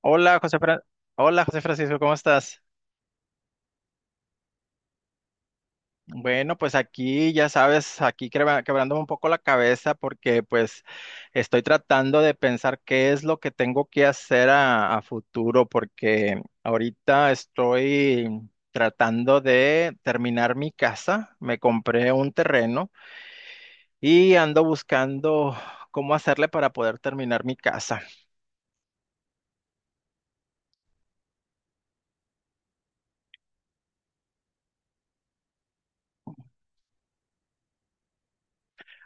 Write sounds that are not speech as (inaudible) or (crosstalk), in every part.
Hola, José Fra- Hola, José Francisco, ¿cómo estás? Bueno, pues aquí, ya sabes, aquí quebrándome un poco la cabeza porque pues estoy tratando de pensar qué es lo que tengo que hacer a futuro porque ahorita estoy tratando de terminar mi casa, me compré un terreno y ando buscando cómo hacerle para poder terminar mi casa.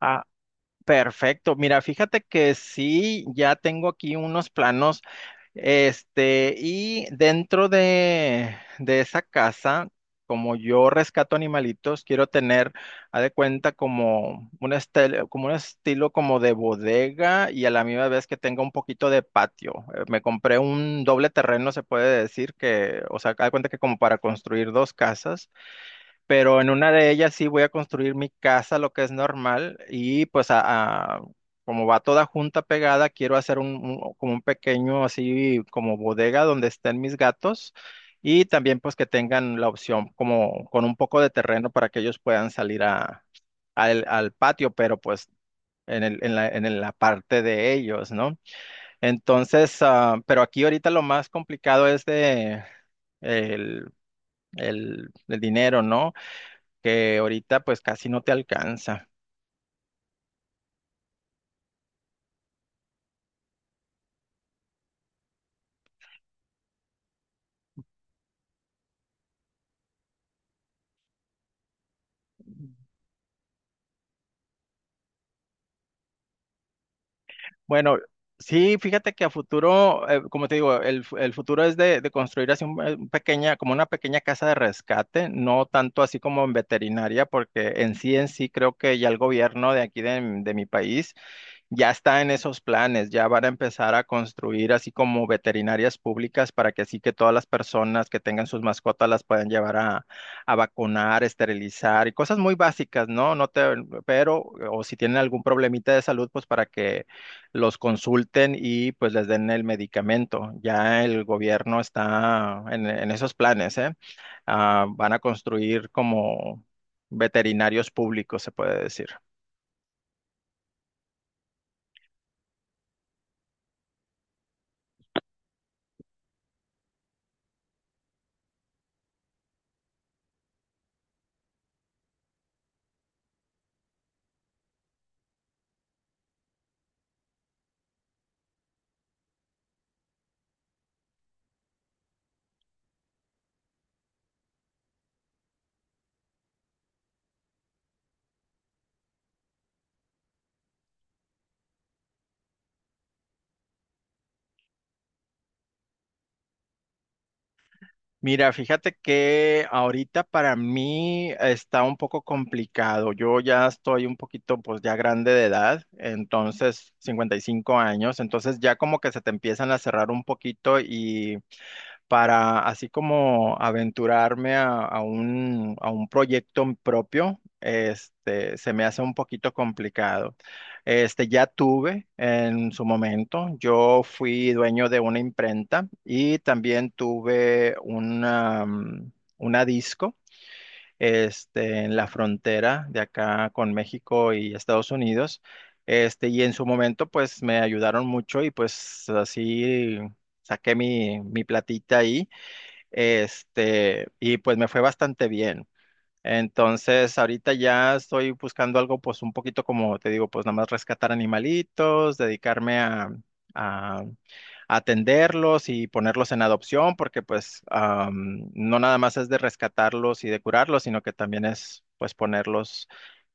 Ah, perfecto, mira, fíjate que sí, ya tengo aquí unos planos. Y dentro de esa casa, como yo rescato animalitos, quiero tener, haz de cuenta, como un estilo, como un estilo como de bodega y a la misma vez que tenga un poquito de patio. Me compré un doble terreno, se puede decir que, o sea, haz de cuenta que como para construir dos casas, pero en una de ellas sí voy a construir mi casa, lo que es normal, y pues como va toda junta pegada, quiero hacer como un pequeño así como bodega donde estén mis gatos y también pues que tengan la opción como con un poco de terreno para que ellos puedan salir al patio, pero pues en en la parte de ellos, ¿no? Entonces, ah, pero aquí ahorita lo más complicado es de el, el dinero, ¿no? Que ahorita pues casi no te alcanza. Bueno, sí, fíjate que a futuro, como te digo, el futuro es de construir así un, pequeña, como una pequeña casa de rescate, no tanto así como en veterinaria, porque en sí creo que ya el gobierno de aquí de mi país ya está en esos planes, ya van a empezar a construir así como veterinarias públicas para que así que todas las personas que tengan sus mascotas las puedan llevar a vacunar, esterilizar y cosas muy básicas, ¿no? No te, pero, o si tienen algún problemita de salud, pues para que los consulten y pues les den el medicamento. Ya el gobierno está en esos planes, ¿eh? Ah, van a construir como veterinarios públicos, se puede decir. Mira, fíjate que ahorita para mí está un poco complicado. Yo ya estoy un poquito, pues ya grande de edad, entonces 55 años, entonces ya como que se te empiezan a cerrar un poquito y para así como aventurarme a un proyecto propio, este, se me hace un poquito complicado. Este, ya tuve en su momento, yo fui dueño de una imprenta y también tuve una, una disco. Este, en la frontera de acá con México y Estados Unidos. Este, y en su momento, pues me ayudaron mucho y pues así saqué mi platita ahí. Este, y pues me fue bastante bien. Entonces, ahorita ya estoy buscando algo, pues un poquito como te digo, pues nada más rescatar animalitos, dedicarme a atenderlos y ponerlos en adopción, porque pues am, no nada más es de rescatarlos y de curarlos, sino que también es pues ponerlos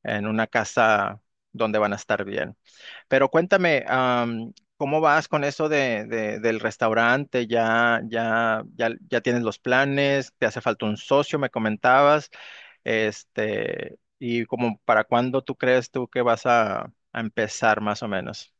en una casa donde van a estar bien. Pero cuéntame, am, ¿cómo vas con eso del restaurante? ¿Ya tienes los planes? ¿Te hace falta un socio? Me comentabas. Este, y como para cuándo tú crees tú que vas a empezar más o menos.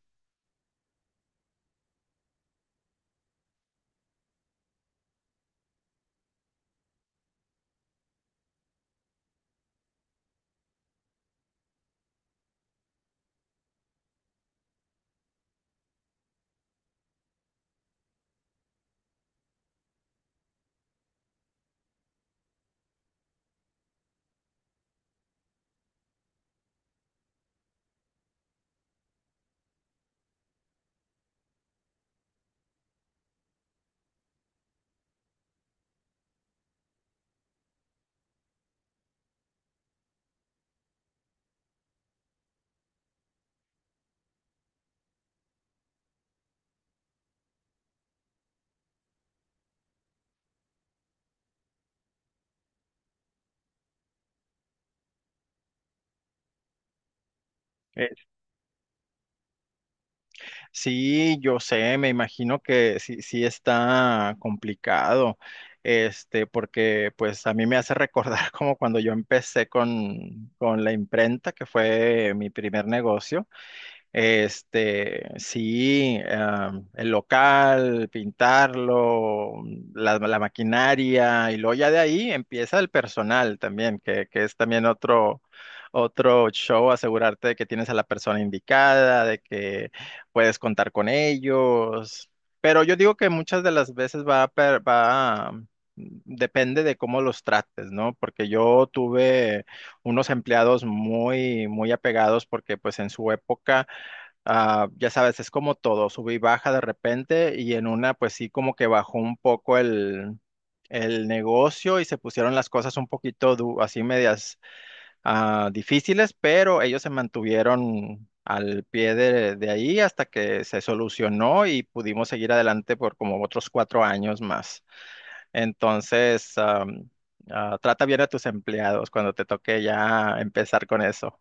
Eh, sí, yo sé, me imagino que sí, sí está complicado. Este, porque pues a mí me hace recordar (laughs) como cuando yo empecé con la imprenta, que fue mi primer negocio. Este, sí, ah, el local, pintarlo, la maquinaria, y luego ya de ahí empieza el personal también, que es también otro, otro show, asegurarte de que tienes a la persona indicada, de que puedes contar con ellos. Pero yo digo que muchas de las veces va, a per- va, mm, depende de cómo los trates, ¿no? Porque yo tuve unos empleados muy, muy apegados porque pues en su época, ah, ya sabes, es como todo, sube y baja de repente y en una pues sí como que bajó un poco el negocio y se pusieron las cosas un poquito du- así medias, ah, difíciles, pero ellos se mantuvieron al pie de ahí hasta que se solucionó y pudimos seguir adelante por como otros 4 años más. Entonces, am, ah, trata bien a tus empleados cuando te toque ya empezar con eso.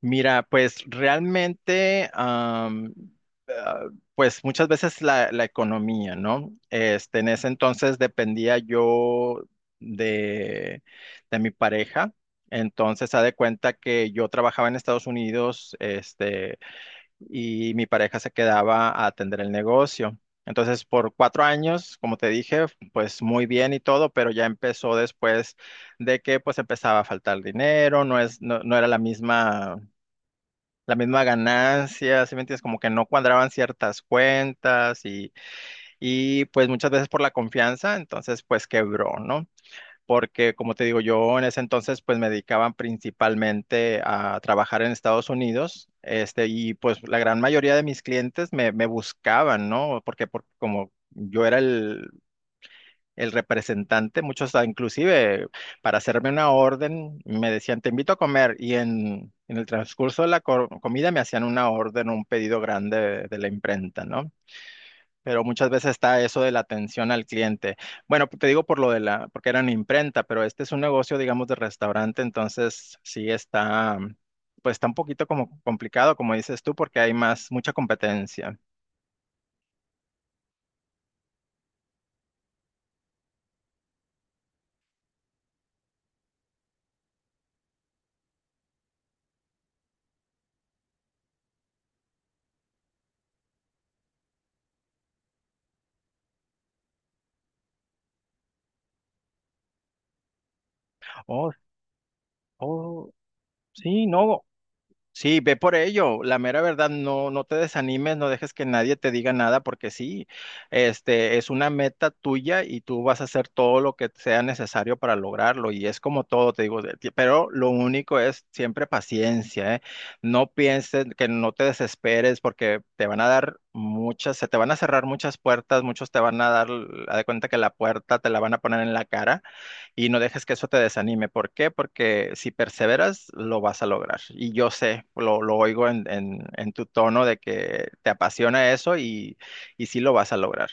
Mira, pues realmente, am, ah, pues muchas veces la economía, ¿no? Este, en ese entonces dependía yo de, de mi pareja. Entonces, haz de cuenta que yo trabajaba en Estados Unidos, este, y mi pareja se quedaba a atender el negocio. Entonces, por 4 años, como te dije, pues muy bien y todo, pero ya empezó después de que pues empezaba a faltar dinero, no es, no, no era la misma ganancia, ¿sí me entiendes? Como que no cuadraban ciertas cuentas y pues muchas veces por la confianza, entonces pues quebró, ¿no? Porque como te digo, yo en ese entonces pues me dedicaban principalmente a trabajar en Estados Unidos, este, y pues la gran mayoría de mis clientes me buscaban, ¿no? Como yo era el representante, muchos ah, inclusive para hacerme una orden me decían, te invito a comer y en el transcurso de la co- comida me hacían una orden, un pedido grande de la imprenta, ¿no? Pero muchas veces está eso de la atención al cliente. Bueno, te digo por lo de la, porque eran imprenta, pero este es un negocio, digamos, de restaurante, entonces sí está, pues está un poquito como complicado, como dices tú, porque hay más, mucha competencia. Oh, oh, sí, no. Sí, ve por ello. La mera verdad, no, no te desanimes, no dejes que nadie te diga nada, porque sí, este es una meta tuya y tú vas a hacer todo lo que sea necesario para lograrlo. Y es como todo, te digo, de- pero lo único es siempre paciencia, ¿eh? No pienses que no te desesperes, porque te van a dar muchas, se te van a cerrar muchas puertas, muchos te van a dar, haz de cuenta que la puerta te la van a poner en la cara y no dejes que eso te desanime. ¿Por qué? Porque si perseveras, lo vas a lograr. Y yo sé, lo oigo en tu tono de que te apasiona eso y sí lo vas a lograr.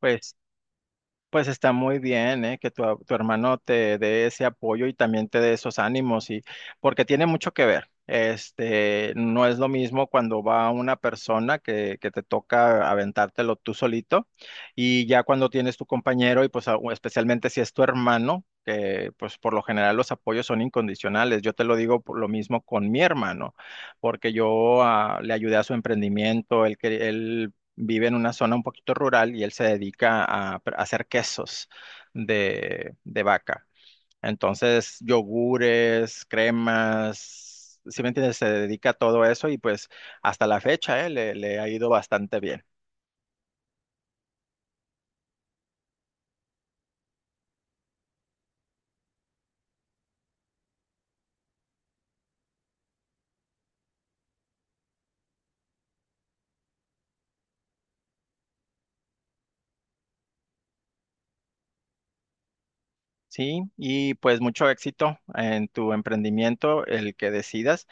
Pues Pues está muy bien, ¿eh? Que tu, tu hermano te dé ese apoyo y también te dé esos ánimos y porque tiene mucho que ver. Este, no es lo mismo cuando va una persona que te toca aventártelo tú solito y ya cuando tienes tu compañero y pues o especialmente si es tu hermano, que pues por lo general los apoyos son incondicionales. Yo te lo digo por lo mismo con mi hermano, porque yo ah, le ayudé a su emprendimiento, él, él vive en una zona un poquito rural y él se dedica a, a hacer quesos de vaca. Entonces, yogures, cremas, ¿si me entiendes? Se dedica a todo eso y pues hasta la fecha, le ha ido bastante bien. Sí, y pues mucho éxito en tu emprendimiento, el que decidas.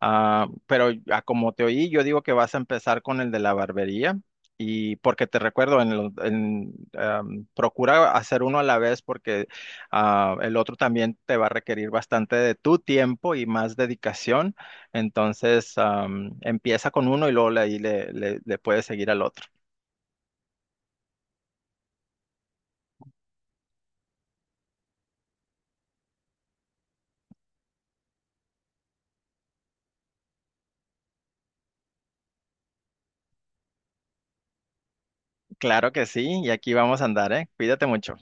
Ah, pero a como te oí, yo digo que vas a empezar con el de la barbería y porque te recuerdo, am, procura hacer uno a la vez porque ah, el otro también te va a requerir bastante de tu tiempo y más dedicación. Entonces, am, empieza con uno y luego ahí le puedes seguir al otro. Claro que sí, y aquí vamos a andar, ¿eh? Cuídate mucho.